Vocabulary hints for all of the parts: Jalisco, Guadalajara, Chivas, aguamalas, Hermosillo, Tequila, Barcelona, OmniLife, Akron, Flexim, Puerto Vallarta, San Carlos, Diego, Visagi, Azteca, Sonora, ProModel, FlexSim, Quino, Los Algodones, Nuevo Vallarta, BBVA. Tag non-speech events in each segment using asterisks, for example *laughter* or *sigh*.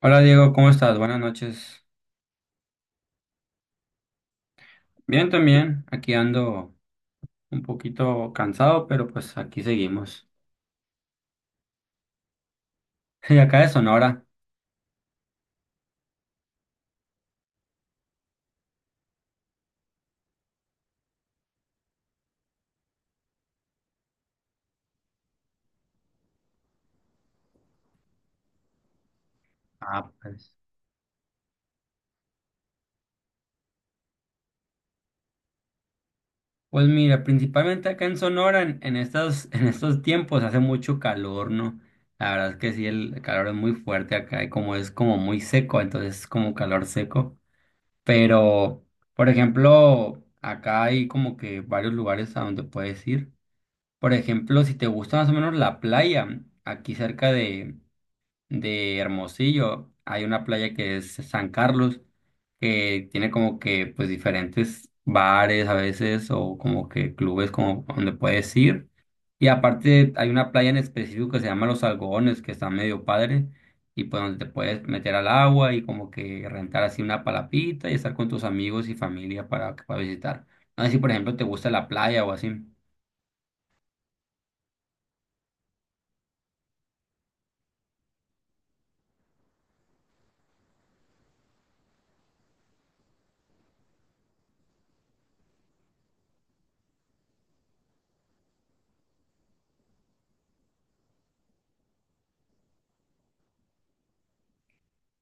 Hola Diego, ¿cómo estás? Buenas noches. Bien también, aquí ando un poquito cansado, pero pues aquí seguimos. *laughs* Y acá de Sonora. Ah, pues. Pues mira, principalmente acá en Sonora, *laughs* en estos tiempos hace mucho calor, ¿no? La verdad es que sí, el calor es muy fuerte acá y como es como muy seco, entonces es como calor seco. Pero, por ejemplo, acá hay como que varios lugares a donde puedes ir. Por ejemplo, si te gusta más o menos la playa, aquí cerca de Hermosillo, hay una playa que es San Carlos, que tiene como que pues diferentes bares a veces o como que clubes como donde puedes ir. Y aparte hay una playa en específico que se llama Los Algodones, que está medio padre, y pues donde te puedes meter al agua y como que rentar así una palapita y estar con tus amigos y familia para visitar. No sé si por ejemplo te gusta la playa o así.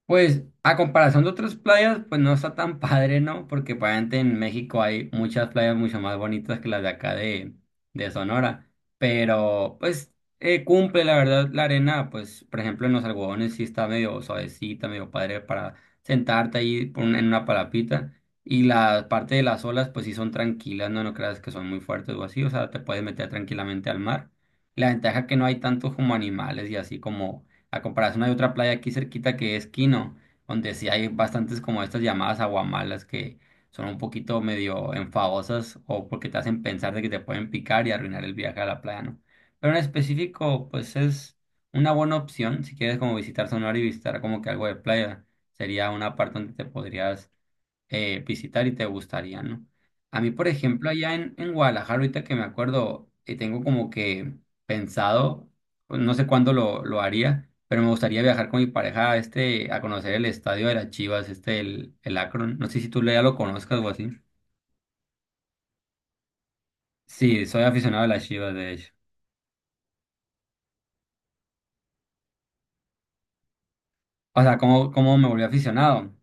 Pues a comparación de otras playas, pues no está tan *laughs* padre, ¿no? Porque pues, obviamente en México hay muchas playas mucho más bonitas que las de acá de Sonora. Pero pues cumple, la verdad, la arena, pues por ejemplo en los algodones sí está medio suavecita, medio padre para sentarte ahí por un- en una palapita. Y la parte de las olas, pues sí son tranquilas, no creas que son muy fuertes o así, o sea, te puedes meter tranquilamente al mar. La ventaja que no hay tantos como animales y así como a comparación hay otra playa aquí cerquita que es Quino, donde sí hay bastantes como estas llamadas aguamalas que son un poquito medio enfadosas o porque te hacen pensar de que te pueden picar y arruinar el viaje a la playa, ¿no? Pero en específico, pues es una buena opción si quieres como visitar Sonora y visitar como que algo de playa. Sería una parte donde te podrías visitar y te gustaría, ¿no? A mí, por ejemplo, en Guadalajara, ahorita que me acuerdo, tengo como que pensado, pues, no sé cuándo lo haría, pero me gustaría viajar con mi pareja a, este, a conocer el estadio de las Chivas, este, el Akron. No sé si tú ya lo conozcas o así. Sí, soy aficionado a las Chivas, de hecho. O sea, ¿cómo me volví aficionado?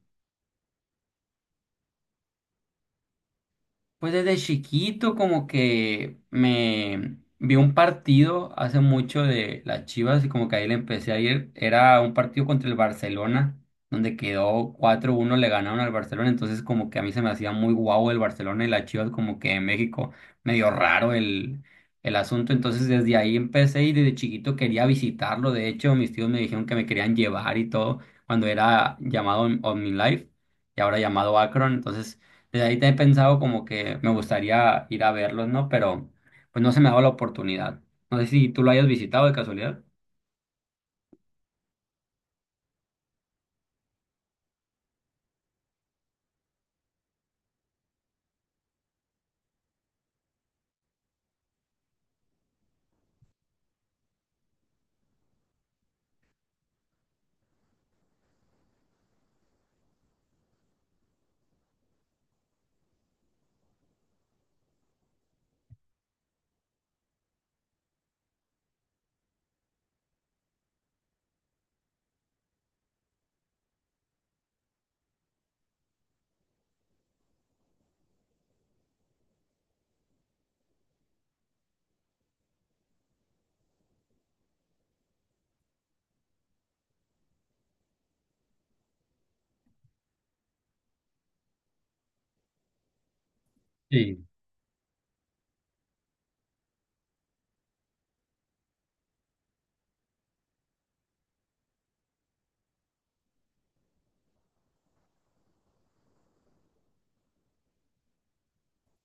Pues desde chiquito como que me vi un partido hace mucho de las Chivas y como que ahí le empecé a ir. Era un partido contra el Barcelona, donde quedó cuatro uno le ganaron al Barcelona, entonces como que a mí se me hacía muy guau el Barcelona y las Chivas como que en México medio raro el asunto. Entonces desde ahí empecé y desde chiquito quería visitarlo. De hecho, mis tíos me dijeron que me querían llevar y todo cuando era OmniLife y ahora llamado Akron. Entonces desde ahí te he pensado como que me gustaría ir a verlos, ¿no? Pero pues no se me ha dado la oportunidad. No sé si tú lo hayas visitado de casualidad. Sí.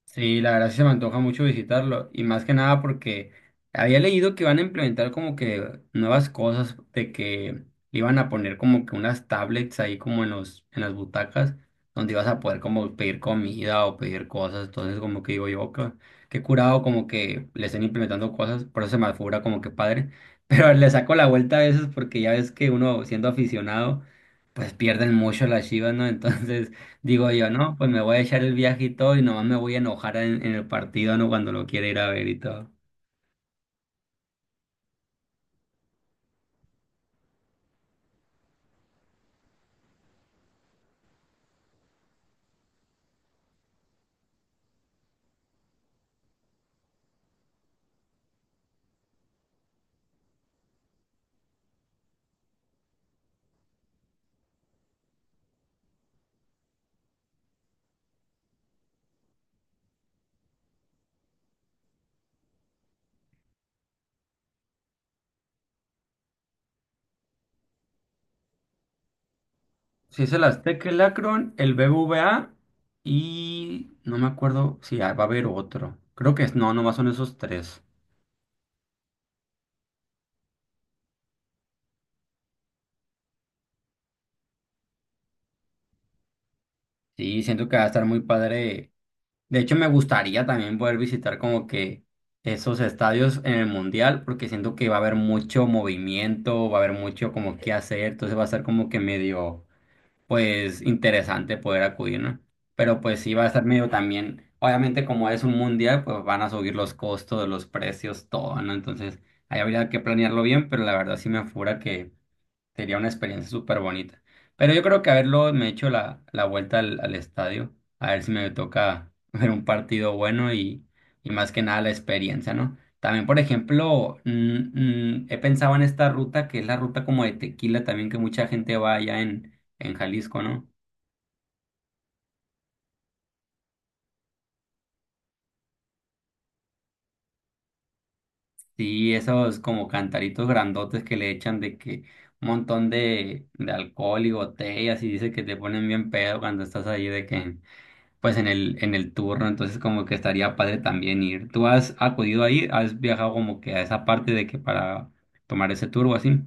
Sí, la verdad sí se me antoja mucho visitarlo y más que nada porque había leído que van a implementar como que nuevas cosas de que le iban a poner como que unas tablets ahí como en los en las butacas donde ibas a poder como pedir comida o pedir cosas, entonces como que digo yo que qué curado como que le estén implementando cosas, por eso se me figura como que padre, *laughs* pero le saco la vuelta a veces porque ya ves que uno siendo aficionado pues pierden mucho las Chivas, ¿no? Entonces digo yo, no, pues me voy a echar el viaje y todo y nomás me voy a enojar en el partido, ¿no? Cuando lo quiera ir a ver y todo. Si es el Azteca, el Akron, el BBVA y no me acuerdo si va a haber otro. Creo que es, no, nomás son esos tres. Sí, siento que va a estar muy padre. De hecho, me gustaría también poder visitar como que esos estadios en el Mundial porque siento que va a haber mucho movimiento, va a haber mucho como que hacer, entonces va a ser como que medio... pues interesante poder acudir, ¿no? Pero pues sí va a estar medio también, obviamente como es un mundial, pues van a subir los costos, los precios, todo, ¿no? Entonces ahí habría que planearlo bien, pero la verdad sí me apura. Sería una experiencia súper bonita. Pero yo creo que haberlo me he hecho la vuelta al estadio, a ver si me toca *laughs* ver un partido bueno y más que nada la experiencia, ¿no? También, por ejemplo, he pensado en esta ruta que es la ruta como de Tequila también, que mucha gente va allá en Jalisco, ¿no? Sí, esos como cantaritos grandotes que le echan de que un montón de alcohol y botellas y dice que te ponen bien pedo cuando estás ahí de que... pues en el turno, entonces como que estaría padre también ir. ¿Tú has acudido ahí? ¿Has viajado como que a esa parte de que para tomar ese tour o así?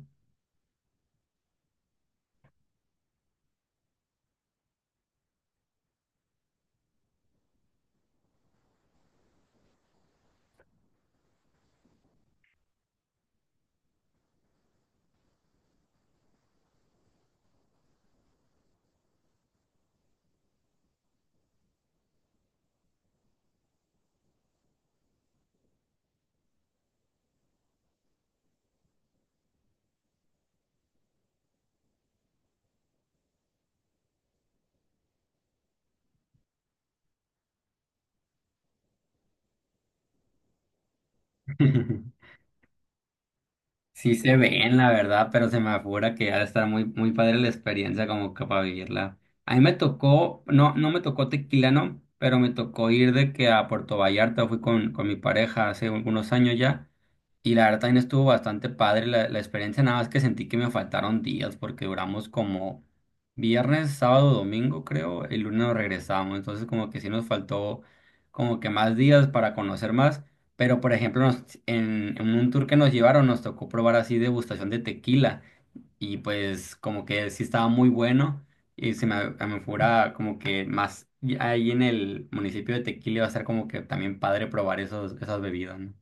*laughs* Sí se ven, la verdad, pero se me afigura que ha de estar muy, muy padre la experiencia como que para vivirla. A mí me tocó, no, no me tocó tequila, no, pero me tocó ir de que a Puerto Vallarta fui con mi pareja hace algunos años ya. Y la verdad también estuvo bastante padre la experiencia, nada más que sentí que me faltaron días porque duramos como viernes, sábado, domingo creo, el lunes nos regresamos, entonces como que sí nos faltó como que más días para conocer más, pero, por ejemplo, en un tour que nos llevaron nos tocó probar así degustación de tequila y pues como que sí estaba muy bueno y se me, a mí fuera como que más y ahí en el municipio de Tequila iba a ser como que también padre probar esos, esas bebidas, ¿no?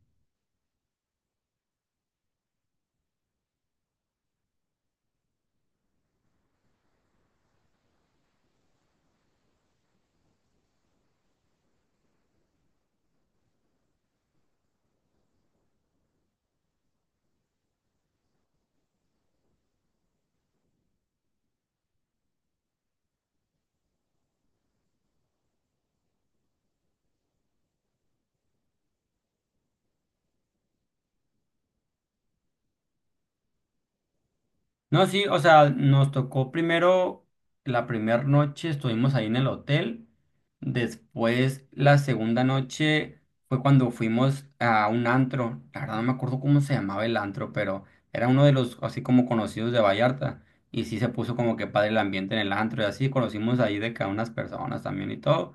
No, sí, o sea, nos tocó primero la primera noche, estuvimos ahí en el hotel. Después, la segunda noche fue cuando fuimos a un antro. La verdad no me acuerdo cómo se llamaba el antro, pero era uno de los así como conocidos de Vallarta. Y sí se puso como que padre el ambiente en el antro y así conocimos ahí de que a unas personas también y todo.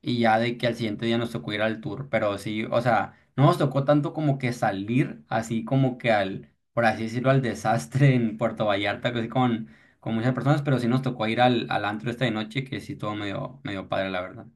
Y ya de que al siguiente día nos tocó ir al tour, pero sí, o sea, no nos tocó tanto como que salir, así como que al, por así decirlo, al desastre en Puerto Vallarta, que sí con muchas personas, pero sí nos tocó ir al antro esta de noche, que sí estuvo medio, medio padre, la verdad.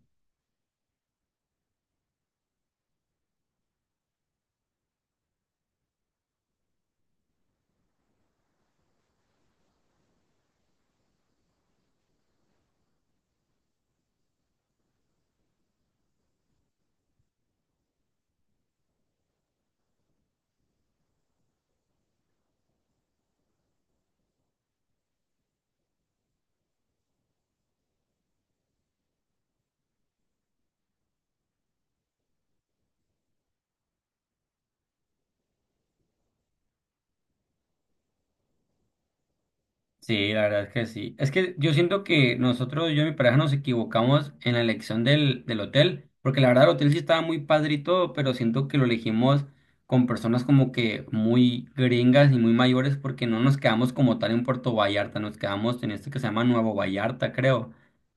Sí, la verdad es que sí. Es que yo siento que nosotros, yo y mi pareja, nos equivocamos en la elección del hotel, porque la verdad el hotel sí estaba muy padre y todo, pero siento que lo elegimos con personas como que muy gringas y muy mayores, porque no nos quedamos como tal en Puerto Vallarta, nos quedamos en este que se llama Nuevo Vallarta, creo.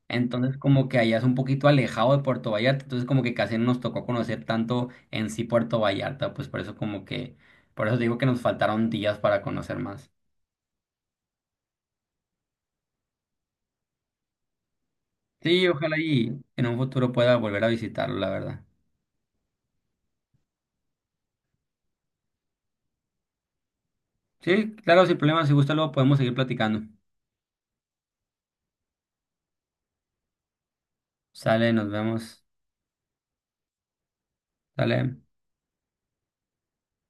Entonces como que allá es un poquito alejado de Puerto Vallarta, entonces como que casi no nos tocó conocer tanto en sí Puerto Vallarta, pues por eso como que, por eso digo que nos faltaron días para conocer más. Sí, ojalá y en un futuro pueda volver a visitarlo, la verdad. Sí, claro, sin problema, si gusta luego podemos seguir platicando. Sale, nos vemos. Sale.